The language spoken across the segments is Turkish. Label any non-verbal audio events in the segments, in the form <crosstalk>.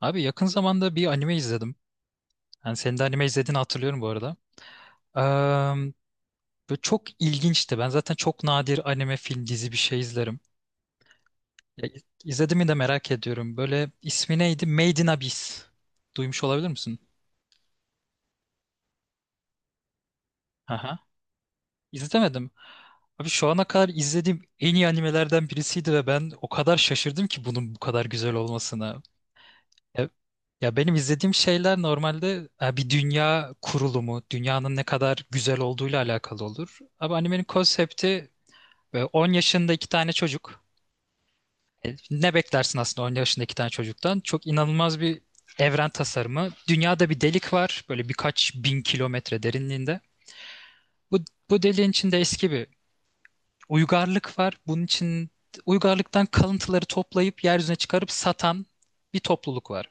Abi yakın zamanda bir anime izledim. Yani senin de anime izlediğini hatırlıyorum bu arada. Eee, Böyle çok ilginçti. Ben zaten çok nadir anime, film, dizi bir şey izlerim. Ya, izlediğimi de merak ediyorum. Böyle ismi neydi? Made in Abyss. Duymuş olabilir misin? Aha. İzlemedim. Abi şu ana kadar izlediğim en iyi animelerden birisiydi ve ben o kadar şaşırdım ki bunun bu kadar güzel olmasına. Ya, ya, benim izlediğim şeyler normalde bir dünya kurulumu, dünyanın ne kadar güzel olduğuyla alakalı olur. Ama animenin konsepti 10 yaşında iki tane çocuk. Ne beklersin aslında 10 yaşında iki tane çocuktan? Çok inanılmaz bir evren tasarımı. Dünyada bir delik var, böyle birkaç bin kilometre derinliğinde. Bu, bu deliğin içinde eski bir uygarlık var. Bunun için uygarlıktan kalıntıları toplayıp yeryüzüne çıkarıp satan bir topluluk var.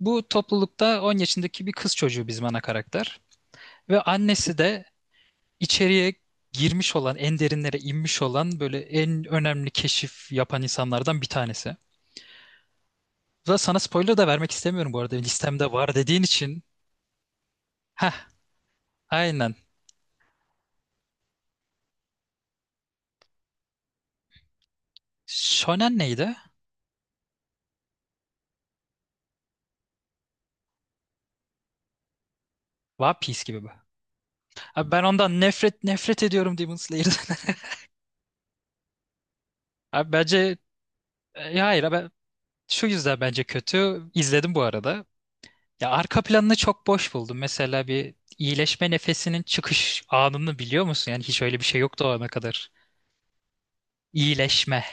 Bu toplulukta 10 yaşındaki bir kız çocuğu bizim ana karakter. Ve annesi de içeriye girmiş olan, en derinlere inmiş olan böyle en önemli keşif yapan insanlardan bir tanesi. Burada sana spoiler da vermek istemiyorum bu arada. Listemde var dediğin için. Heh, aynen. Shonen neydi? One Piece gibi bu. Abi ben ondan nefret nefret ediyorum Demon Slayer'dan. <laughs> Abi bence hayır abi şu yüzden bence kötü. İzledim bu arada. Ya arka planını çok boş buldum. Mesela bir iyileşme nefesinin çıkış anını biliyor musun? Yani hiç öyle bir şey yoktu o ana kadar. İyileşme.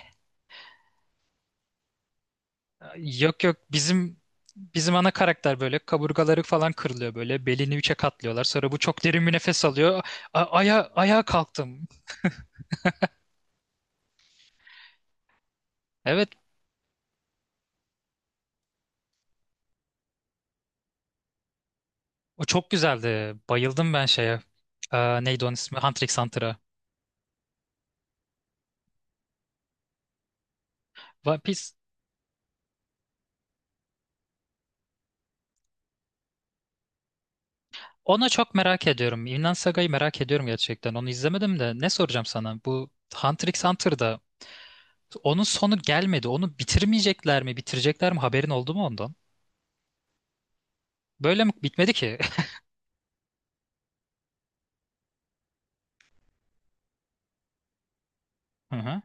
Yok yok bizim ana karakter böyle kaburgaları falan kırılıyor böyle. Belini üçe katlıyorlar. Sonra bu çok derin bir nefes alıyor. Ayağa kalktım. Evet o çok güzeldi. Bayıldım ben şeye. Aa, neydi onun ismi? Hunter x Hunter'a. One Piece. Onu çok merak ediyorum. Vinland Saga'yı merak ediyorum gerçekten. Onu izlemedim de ne soracağım sana? Bu Hunter x Hunter'da onun sonu gelmedi. Onu bitirmeyecekler mi? Bitirecekler mi? Haberin oldu mu ondan? Böyle mi? Bitmedi ki. <laughs> Hı hı.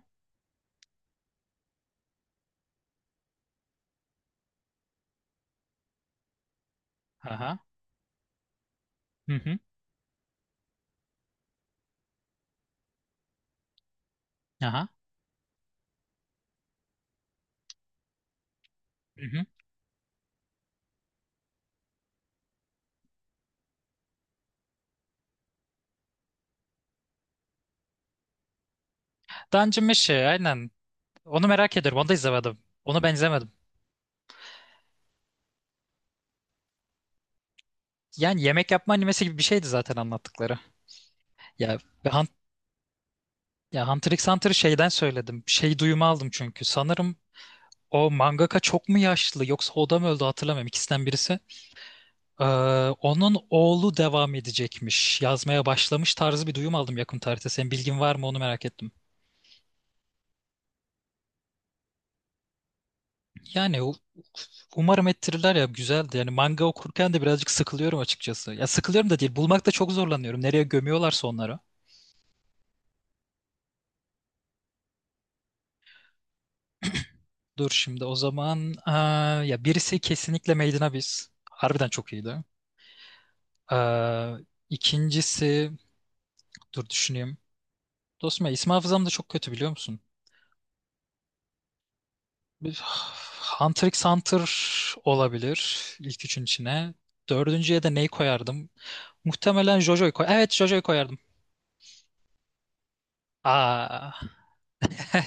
Aha. Hı hı. Aha. Hı hı. Dungeon Meshi aynen. Onu merak ediyorum. Onu da izlemedim. Onu ben izlemedim. Yani yemek yapma animesi gibi bir şeydi zaten anlattıkları. Ya, ve Hun- ya Hunter x Hunter'ı şeyden söyledim. Şey duyumu aldım çünkü. Sanırım o mangaka çok mu yaşlı yoksa o da mı öldü hatırlamıyorum. İkisinden birisi. Ee, Onun oğlu devam edecekmiş. Yazmaya başlamış tarzı bir duyum aldım yakın tarihte. Senin bilgin var mı onu merak ettim. Yani umarım ettirirler ya güzeldi. Yani manga okurken de birazcık sıkılıyorum açıkçası. Ya sıkılıyorum da değil. Bulmakta çok zorlanıyorum. Nereye gömüyorlarsa onları. Dur şimdi o zaman ya birisi kesinlikle Made in Abyss. Harbiden çok iyiydi. Ee, ikincisi dur düşüneyim. Dostum ya isim hafızam da çok kötü biliyor musun? Bir- Hunter x Hunter olabilir ilk üçün içine. Dördüncüye de neyi koyardım? Muhtemelen JoJo'yu koy. Evet JoJo'yu koyardım. Aa,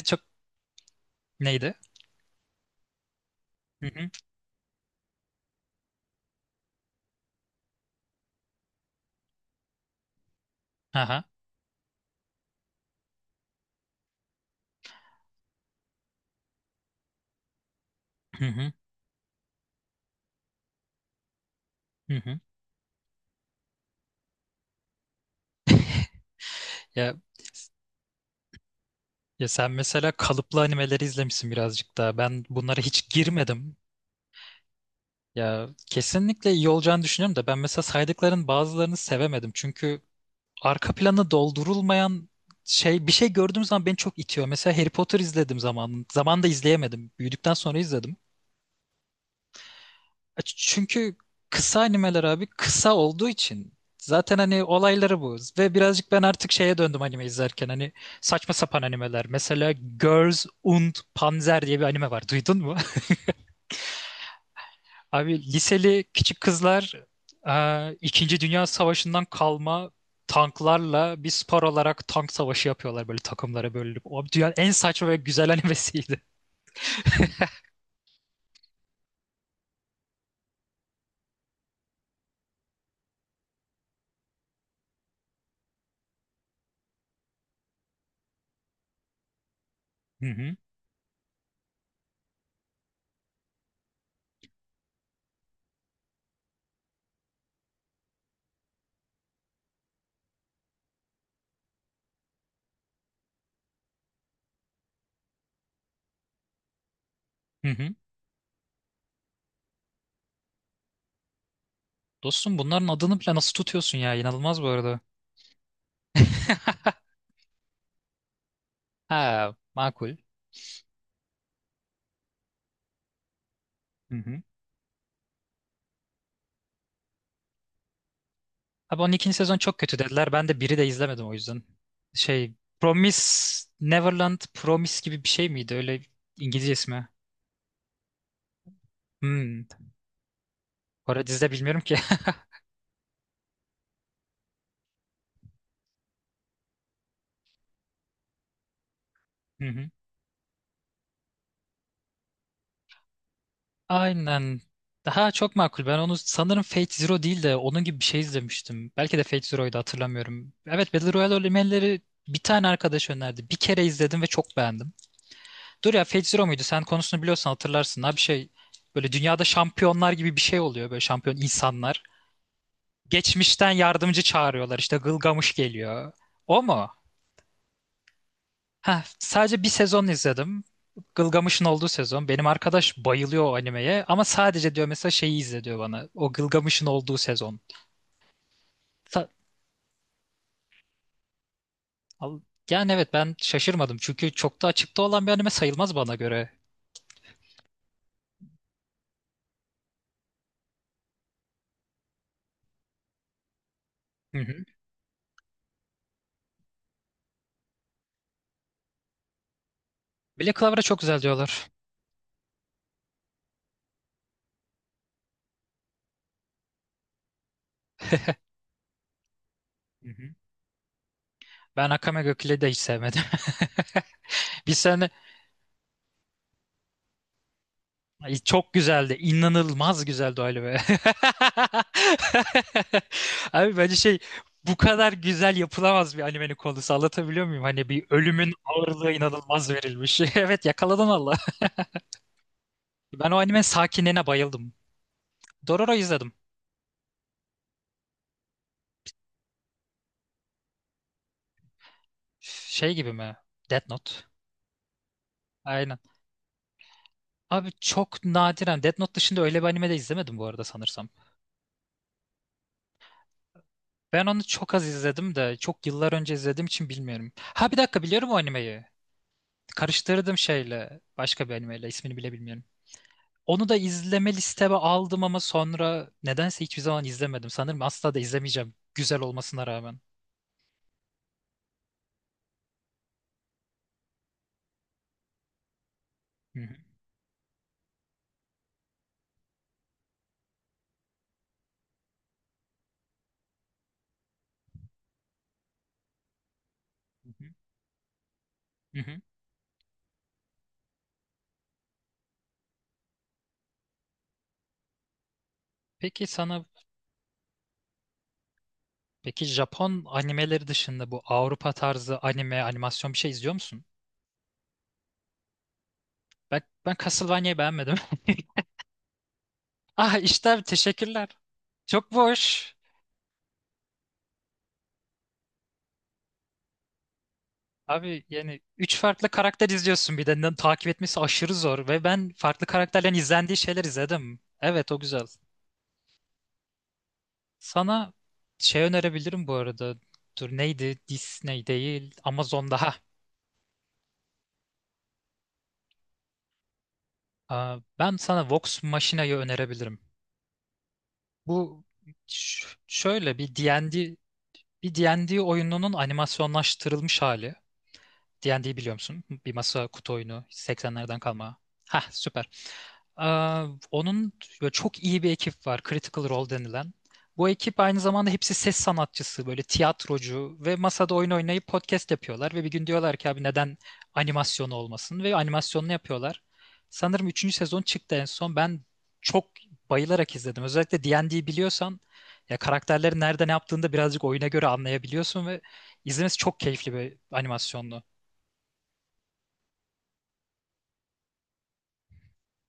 <laughs> çok neydi? Hı hı. Aha. Hı hı. Hı hı. Ya, ya, sen mesela kalıplı animeleri izlemişsin birazcık daha. Ben bunlara hiç girmedim. Ya kesinlikle iyi olacağını düşünüyorum da ben mesela saydıkların bazılarını sevemedim. Çünkü arka planı doldurulmayan şey bir şey gördüğüm zaman beni çok itiyor. Mesela Harry Potter izledim zaman. Zamanında izleyemedim. Büyüdükten sonra izledim. Çünkü kısa animeler abi kısa olduğu için zaten hani olayları bu. Ve birazcık ben artık şeye döndüm anime izlerken. Hani saçma sapan animeler. Mesela Girls und Panzer diye bir anime var. Duydun mu? <laughs> Abi liseli küçük kızlar İkinci Dünya Savaşı'ndan kalma tanklarla bir spor olarak tank savaşı yapıyorlar böyle takımlara bölünüp. O dünyanın en saçma ve güzel <laughs> animesiydi. Hı hı, hı hı. Dostum bunların adını bile nasıl tutuyorsun ya? İnanılmaz bu arada. <laughs> Ha, makul. Hı hı. Abi 12. sezon çok kötü dediler. Ben de biri de izlemedim o yüzden. Şey, Promise Neverland Promise gibi bir şey miydi? Öyle İngilizce ismi. Hmm. Bu arada dizide bilmiyorum ki. <laughs> Hı hı. Aynen. Daha çok makul. Ben onu sanırım Fate Zero değil de onun gibi bir şey izlemiştim. Belki de Fate Zero'ydu hatırlamıyorum. Evet Battle Royale elementleri bir tane arkadaş önerdi. Bir kere izledim ve çok beğendim. Dur ya Fate Zero muydu? Sen konusunu biliyorsan hatırlarsın. Ha bir şey böyle dünyada şampiyonlar gibi bir şey oluyor. Böyle şampiyon insanlar. Geçmişten yardımcı çağırıyorlar. İşte Gılgamış geliyor. O mu? Heh, sadece bir sezon izledim. Gılgamış'ın olduğu sezon. Benim arkadaş bayılıyor o animeye ama sadece diyor mesela şeyi izle diyor bana. O Gılgamış'ın olduğu sezon. Sa- Al- Yani evet ben şaşırmadım çünkü çok da açıkta olan bir anime sayılmaz bana göre. Hı hı. Black Clover'a çok güzel diyorlar. Hı hı. Ben Akame ga Kill'i de hiç sevmedim. <laughs> Bir sene Ay, çok güzeldi. İnanılmaz güzeldi o anime. <laughs> Abi bence şey bu kadar güzel yapılamaz bir animenin konusu. Anlatabiliyor muyum? Hani bir ölümün ağırlığı inanılmaz verilmiş. <laughs> Evet yakaladın Allah. Ben o anime sakinliğine bayıldım. Dororo izledim. Şey gibi mi? Death Note. Aynen. Abi çok nadiren Death Note dışında öyle bir anime de izlemedim bu arada sanırsam. Ben onu çok az izledim de çok yıllar önce izlediğim için bilmiyorum. Ha bir dakika biliyorum o animeyi. Karıştırdım şeyle başka bir animeyle ismini bile bilmiyorum. Onu da izleme listeme aldım ama sonra nedense hiçbir zaman izlemedim. Sanırım asla da izlemeyeceğim güzel olmasına rağmen. Hı hı, hı hı, hı hı. Peki sana peki Japon animeleri dışında bu Avrupa tarzı anime animasyon bir şey izliyor musun? Ben ben Castlevania'yı beğenmedim. <laughs> Ah işte abi, teşekkürler. Çok boş. Abi yani üç farklı karakter izliyorsun bir de takip etmesi aşırı zor ve ben farklı karakterlerin izlendiği şeyler izledim. Evet o güzel. Sana şey önerebilirim bu arada. Dur neydi? Disney değil. Amazon daha. Aa, ben sana Vox Machina'yı önerebilirim. Bu şöyle bir D&D oyununun animasyonlaştırılmış hali. D&D biliyor musun? Bir masa kutu oyunu 80'lerden kalma. Hah süper. Aa, onun böyle çok iyi bir ekip var. Critical Role denilen. Bu ekip aynı zamanda hepsi ses sanatçısı, böyle tiyatrocu ve masada oyun oynayıp podcast yapıyorlar ve bir gün diyorlar ki abi neden animasyonu olmasın ve animasyonunu yapıyorlar. Sanırım üçüncü sezon çıktı en son. Ben çok bayılarak izledim. Özellikle D&D biliyorsan ya karakterlerin nerede ne yaptığını da birazcık oyuna göre anlayabiliyorsun ve izlemesi çok keyifli bir animasyonlu.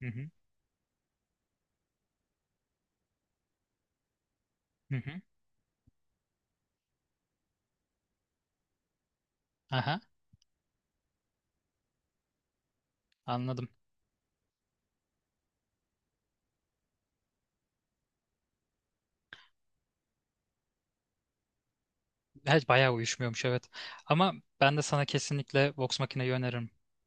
Hı hı. Hı hı. Aha, anladım. Her bayağı uyuşmuyormuş evet. Ama ben de sana kesinlikle Vox makineyi öneririm.